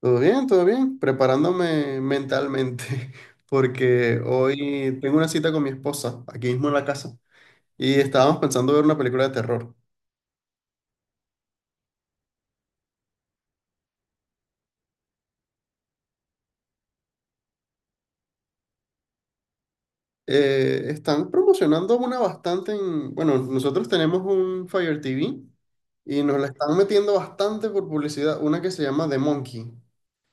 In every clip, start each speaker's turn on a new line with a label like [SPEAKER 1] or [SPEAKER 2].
[SPEAKER 1] Todo bien, preparándome mentalmente, porque hoy tengo una cita con mi esposa, aquí mismo en la casa, y estábamos pensando ver una película de terror. Están promocionando una bastante en, bueno, nosotros tenemos un Fire TV y nos la están metiendo bastante por publicidad, una que se llama The Monkey.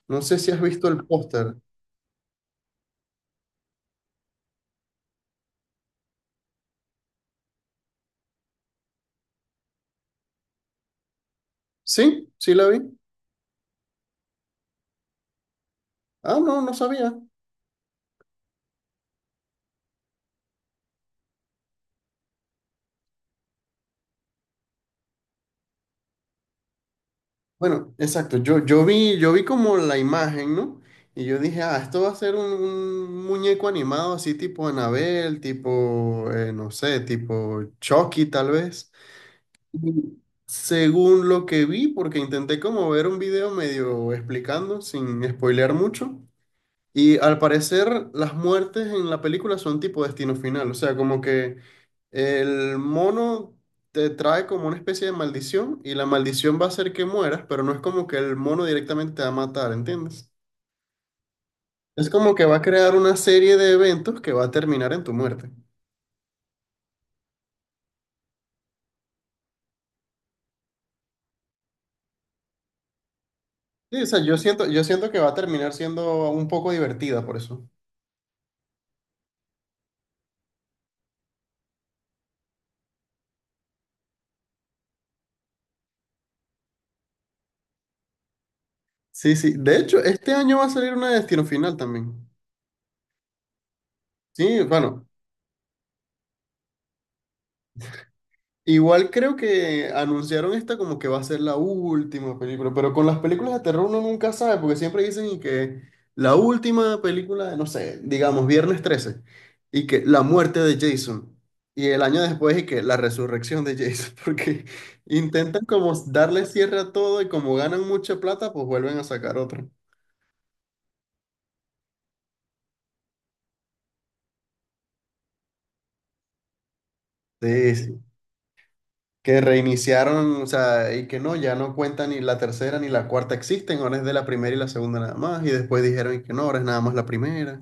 [SPEAKER 1] No sé si has visto el póster. ¿Sí? ¿Sí la vi? Ah, no, no sabía. Bueno, exacto. Yo vi como la imagen, ¿no? Y yo dije, ah, esto va a ser un muñeco animado así tipo Anabel, tipo, no sé, tipo Chucky tal vez. Y según lo que vi, porque intenté como ver un video medio explicando, sin spoilear mucho. Y al parecer las muertes en la película son tipo destino final. O sea, como que el mono te trae como una especie de maldición y la maldición va a hacer que mueras, pero no es como que el mono directamente te va a matar, ¿entiendes? Es como que va a crear una serie de eventos que va a terminar en tu muerte. Sí, o sea, yo siento que va a terminar siendo un poco divertida por eso. Sí, sí. De hecho, este año va a salir una de Destino Final también. Sí, bueno, igual creo que anunciaron esta como que va a ser la última película, pero con las películas de terror uno nunca sabe, porque siempre dicen y que la última película de, no sé, digamos, Viernes 13, y que la muerte de Jason, y el año después y que la resurrección de Jason, porque intentan como darle cierre a todo y como ganan mucha plata, pues vuelven a sacar otra. Sí, sí. Que reiniciaron, o sea, y que no, ya no cuenta ni la tercera ni la cuarta existen, ahora es de la primera y la segunda nada más, y después dijeron y que no, ahora es nada más la primera.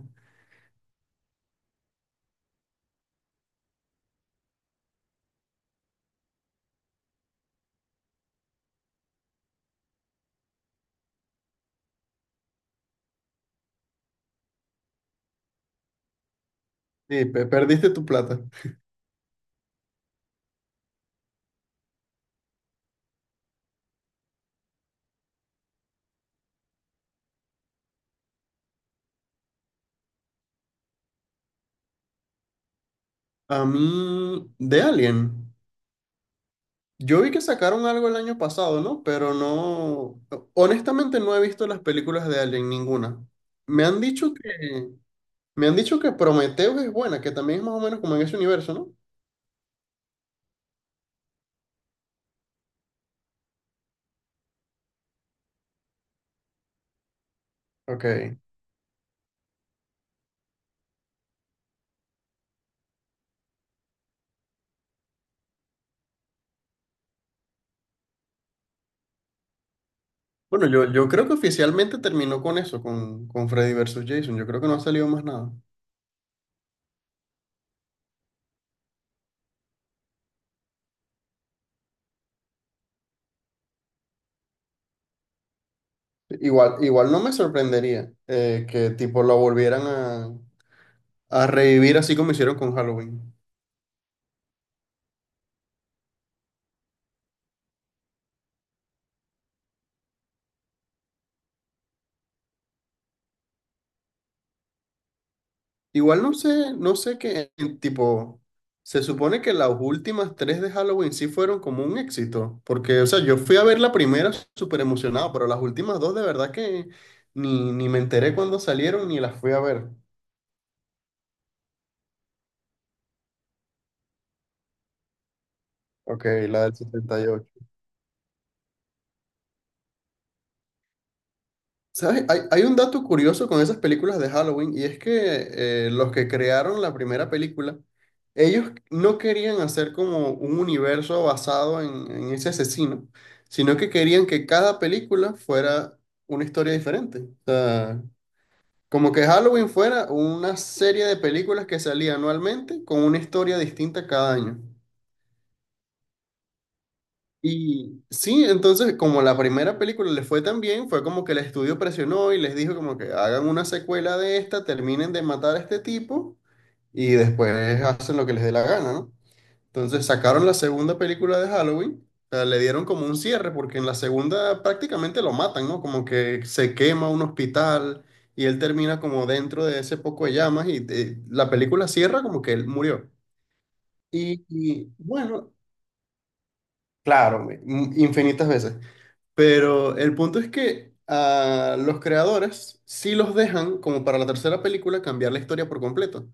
[SPEAKER 1] Sí, perdiste tu plata. A mí, de Alien, yo vi que sacaron algo el año pasado, ¿no? Pero no, honestamente no he visto las películas de Alien, ninguna. Me han dicho que, me han dicho que Prometheus es buena, que también es más o menos como en ese universo, ¿no? Ok. Bueno, yo creo que oficialmente terminó con eso, con Freddy versus Jason. Yo creo que no ha salido más nada. Igual, igual no me sorprendería que tipo lo volvieran a revivir así como hicieron con Halloween. Igual no sé, no sé qué, tipo, se supone que las últimas tres de Halloween sí fueron como un éxito. Porque, o sea, yo fui a ver la primera súper emocionado, pero las últimas dos de verdad que ni me enteré cuando salieron ni las fui a ver. Ok, la del 78. ¿Sabes? Hay un dato curioso con esas películas de Halloween y es que los que crearon la primera película, ellos no querían hacer como un universo basado en ese asesino, sino que querían que cada película fuera una historia diferente. O sea, como que Halloween fuera una serie de películas que salía anualmente con una historia distinta cada año. Y sí, entonces como la primera película les fue tan bien, fue como que el estudio presionó y les dijo como que hagan una secuela de esta, terminen de matar a este tipo y después hacen lo que les dé la gana, ¿no? Entonces sacaron la segunda película de Halloween, o sea, le dieron como un cierre porque en la segunda prácticamente lo matan, ¿no? Como que se quema un hospital y él termina como dentro de ese poco de llamas y la película cierra como que él murió. Bueno, claro, infinitas veces. Pero el punto es que a los creadores sí los dejan, como para la tercera película, cambiar la historia por completo.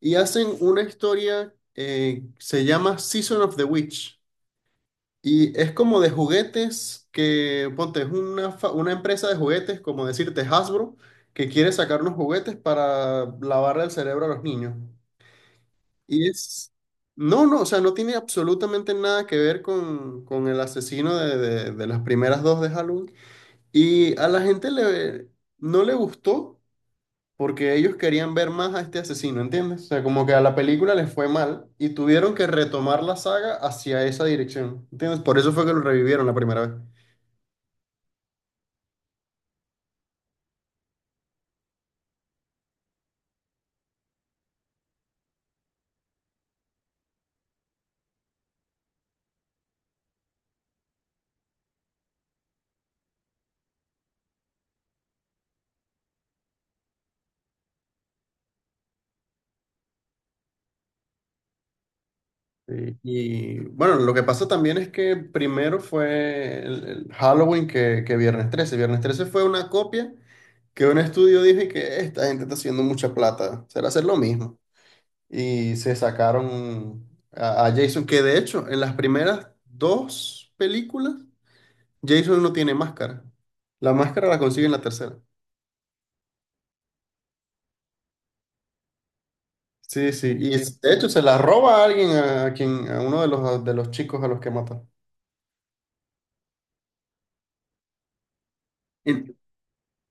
[SPEAKER 1] Y hacen una historia se llama Season of the Witch. Y es como de juguetes que, ponte, es una, una empresa de juguetes, como decirte Hasbro, que quiere sacar unos juguetes para lavarle el cerebro a los niños. Y es... No, no, o sea, no tiene absolutamente nada que ver con el asesino de, de las primeras dos de Halloween y a la gente, no le gustó porque ellos querían ver más a este asesino, ¿entiendes? O sea, como que a la película les fue mal y tuvieron que retomar la saga hacia esa dirección, ¿entiendes? Por eso fue que lo revivieron la primera vez. Sí. Y bueno, lo que pasa también es que primero fue el Halloween que Viernes 13. Viernes trece fue una copia que un estudio dijo y que esta gente está haciendo mucha plata, será hacer lo mismo. Y se sacaron a Jason, que de hecho en las primeras dos películas Jason no tiene máscara. La máscara la consigue en la tercera. Sí, sí, y sí. De hecho se la roba a alguien, a quien, a uno de de los chicos a los que mata. En,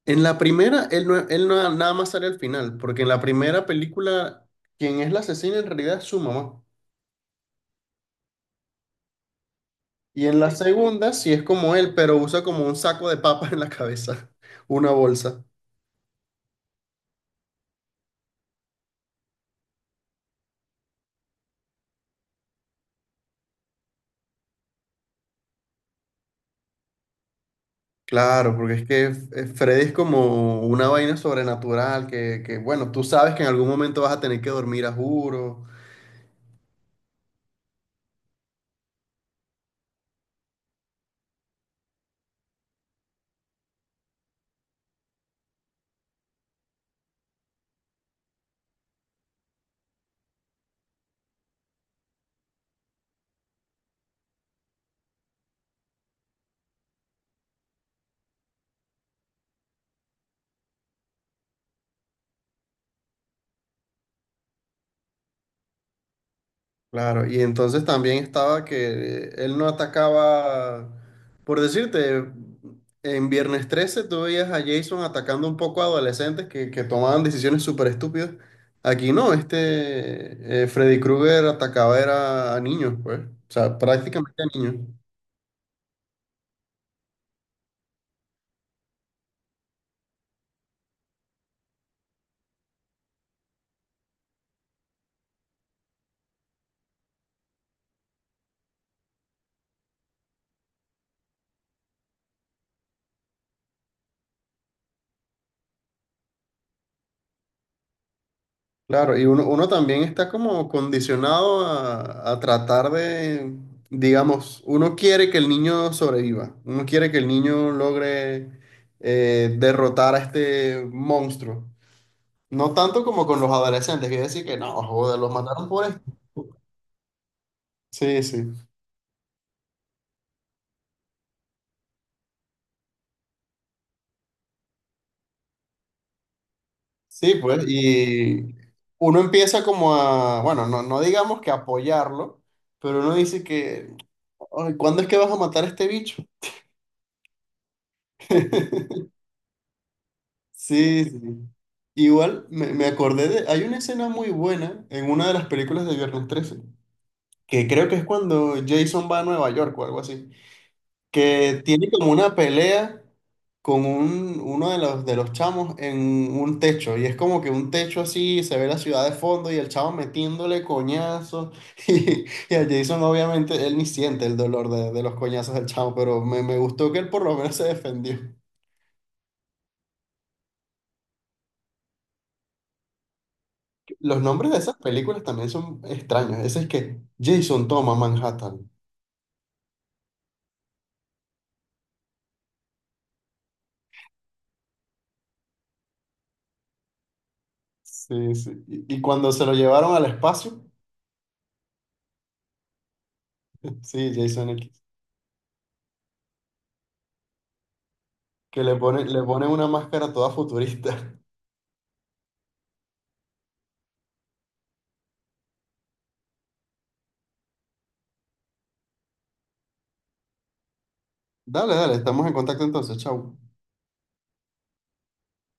[SPEAKER 1] en la primera, él, no, nada más sale al final, porque en la primera película, quien es la asesina en realidad es su mamá. Y en la segunda, sí es como él, pero usa como un saco de papas en la cabeza, una bolsa. Claro, porque es que Freddy es como una vaina sobrenatural que, bueno, tú sabes que en algún momento vas a tener que dormir a juro. Claro, y entonces también estaba que él no atacaba, por decirte, en Viernes 13 tú veías a Jason atacando un poco a adolescentes que tomaban decisiones súper estúpidas. Aquí no, este Freddy Krueger atacaba era a niños, pues, o sea, prácticamente a niños. Claro, y uno también está como condicionado a tratar de, digamos, uno quiere que el niño sobreviva, uno quiere que el niño logre derrotar a este monstruo. No tanto como con los adolescentes, que decir que no, joder, los mataron por esto. Sí, sí. Sí, pues, y uno empieza como a, bueno, no, no digamos que apoyarlo, pero uno dice que, "Ay, ¿cuándo es que vas a matar a este bicho?". Sí, sí. Igual me acordé de, hay una escena muy buena en una de las películas de Viernes 13, que creo que es cuando Jason va a Nueva York o algo así, que tiene como una pelea con un, uno de de los chamos en un techo, y es como que un techo así, se ve la ciudad de fondo y el chavo metiéndole coñazos, y a Jason obviamente él ni siente el dolor de los coñazos del chavo, pero me gustó que él por lo menos se defendió. Los nombres de esas películas también son extraños. Ese es que Jason toma Manhattan. Sí, sí. Y cuando se lo llevaron al espacio, sí, Jason X, que le ponen una máscara toda futurista. Dale, dale, estamos en contacto entonces, chao.